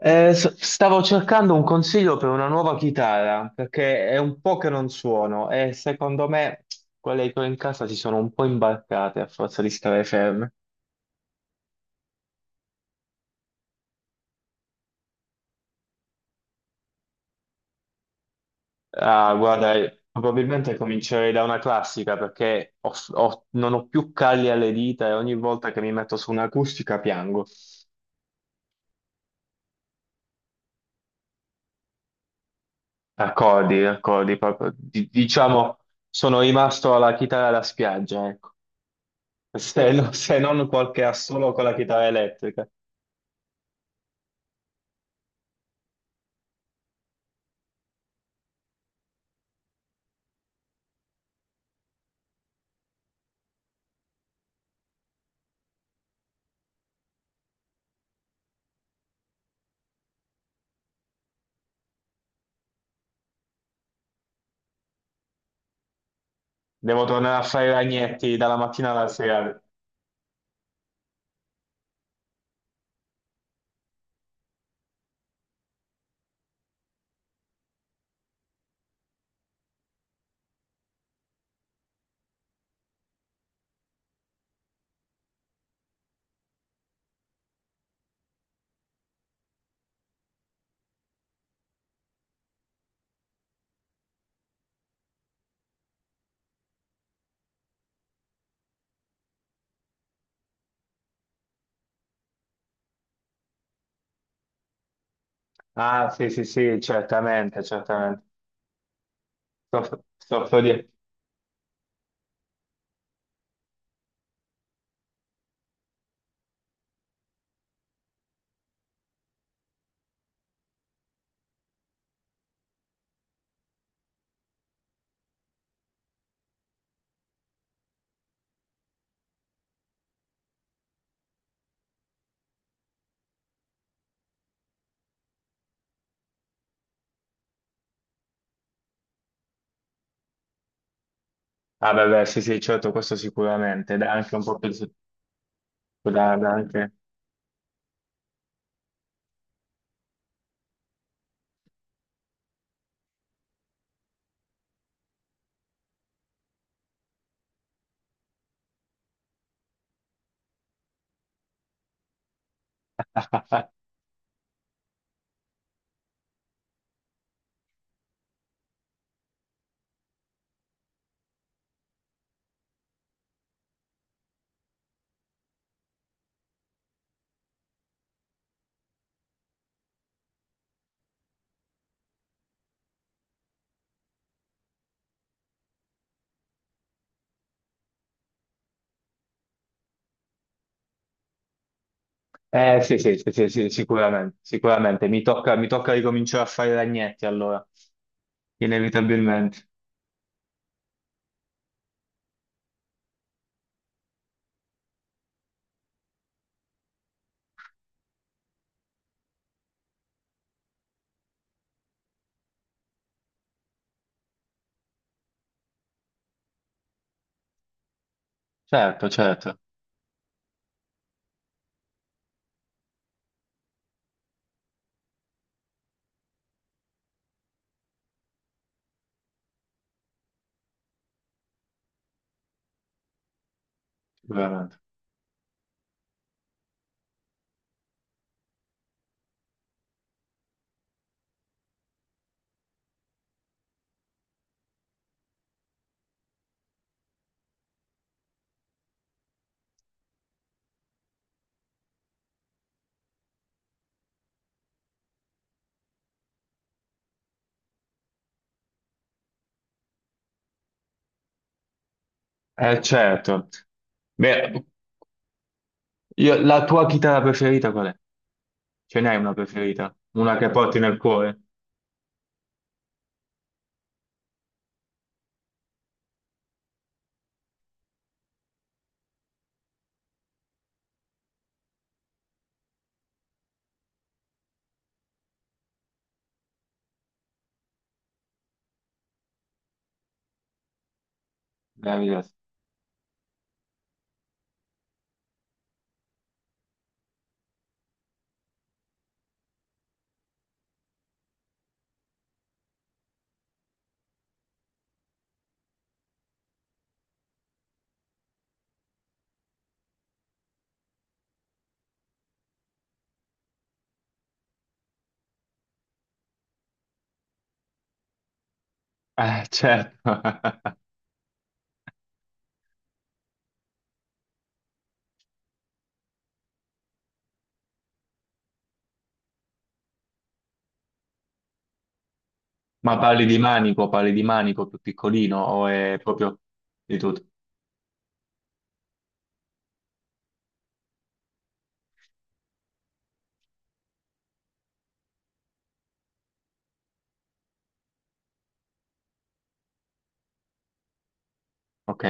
Stavo cercando un consiglio per una nuova chitarra, perché è un po' che non suono e secondo me quelle che ho in casa si sono un po' imbarcate a forza di stare ferme. Ah, guarda, probabilmente comincerei da una classica perché non ho più calli alle dita e ogni volta che mi metto su un'acustica piango. Accordi, accordi, proprio. Diciamo, sono rimasto alla chitarra da spiaggia, ecco. Se, se non qualche assolo con la chitarra elettrica. Devo tornare a fare i ragnetti dalla mattina alla sera. Ah, sì, sì, sì, certamente, certamente. Soffro, soffro di... Ah, beh, beh, sì, sì, certo, questo sicuramente. Dà anche un po' più... dà anche... sì, sì, sì, sì, sì, sicuramente, sicuramente. Mi tocca ricominciare a fare i ragnetti, allora. Inevitabilmente. Certo, certo, sicuramente. Certo. Beh, la tua chitarra preferita qual è? Ce n'hai una preferita? Una che porti nel cuore? Meraviglioso. Certo. Ma parli di manico più piccolino o è proprio di tutto? Ok.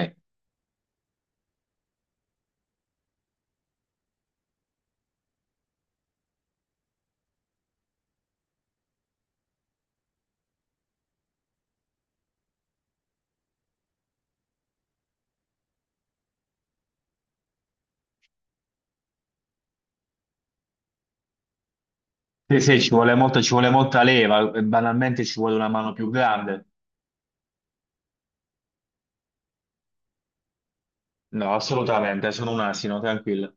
Sì, sì, ci vuole molto, ci vuole molta leva, e banalmente ci vuole una mano più grande. No, assolutamente, sono un asino, tranquillo.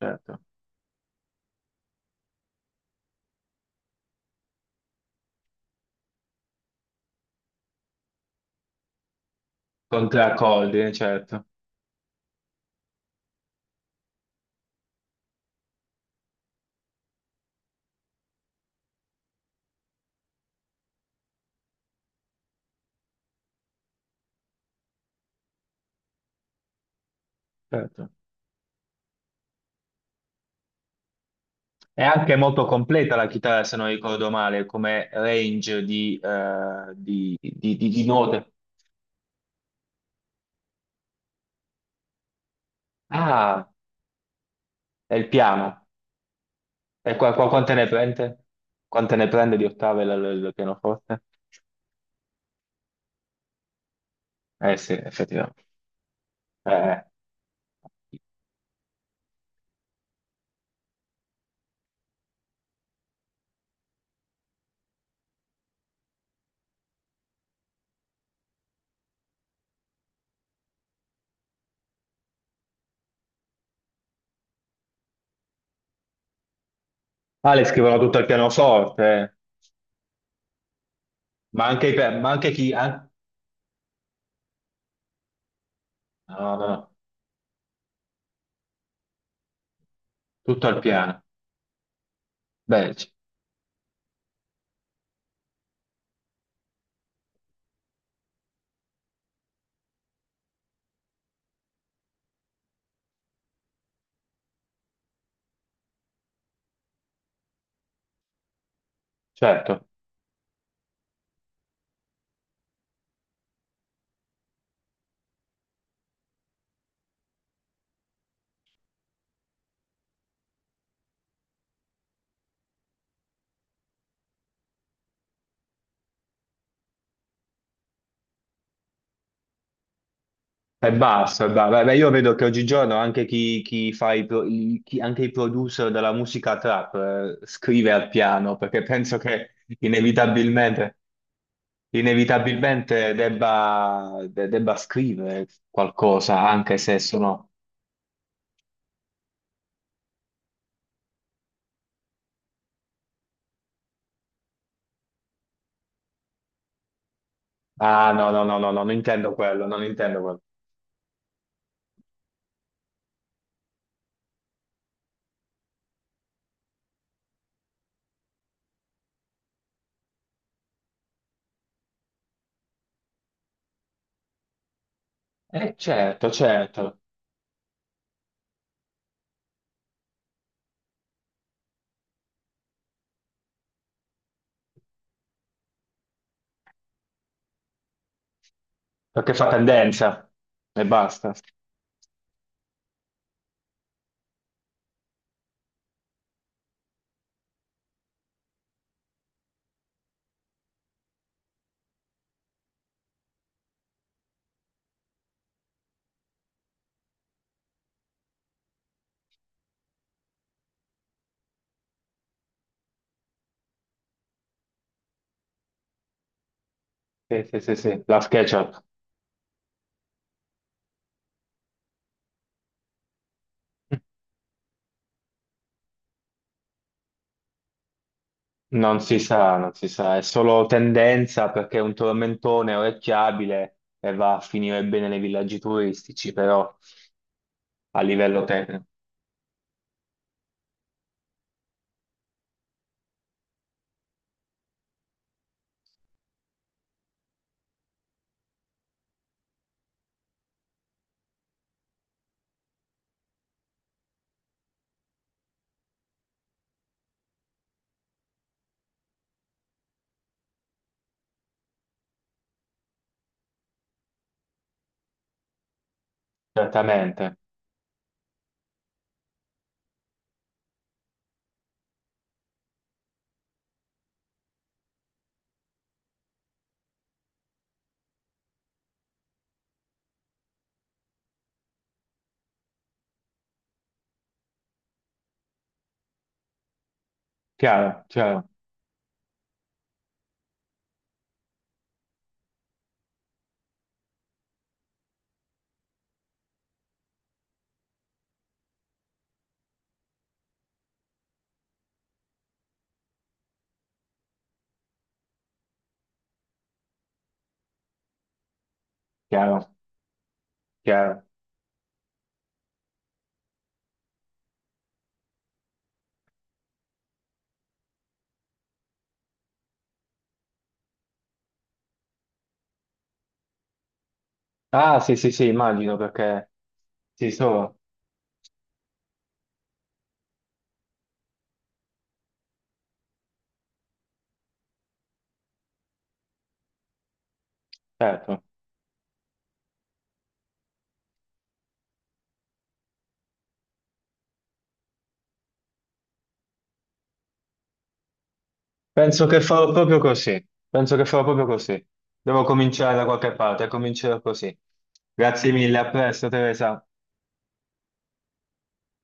Certo. Con tre accordi, certo, certo. È anche molto completa la chitarra, se non ricordo male, come range di, di note. Ah, è il piano. E qua, qua quante ne prende? Quante ne prende di ottave il pianoforte? Eh sì, effettivamente. Eh. Ah, le scrivono tutto al pianoforte, eh. Ma anche, ma anche chi... No, no, no, tutto al piano. Beh, certo, è basso, è basso. Beh, beh, io vedo che oggigiorno anche chi, chi fa i, anche i producer della musica trap, scrive al piano, perché penso che inevitabilmente... inevitabilmente debba, debba scrivere qualcosa, anche se sono... Ah, no, no, no, no, no, non intendo quello, non intendo quello. Certo, certo, perché fa tendenza e basta. Sì, sì, sì, sì, la SketchUp. Non si sa, non si sa, è solo tendenza perché è un tormentone orecchiabile e va a finire bene nei villaggi turistici, però a livello tecnico, certamente. Chiaro, chiaro, chiaro, chiaro. Ah, sì, sì, sì, immagino perché sì, sono, certo. Penso che farò proprio così. Penso che farò proprio così. Devo cominciare da qualche parte, comincerò così. Grazie mille, a presto, Teresa.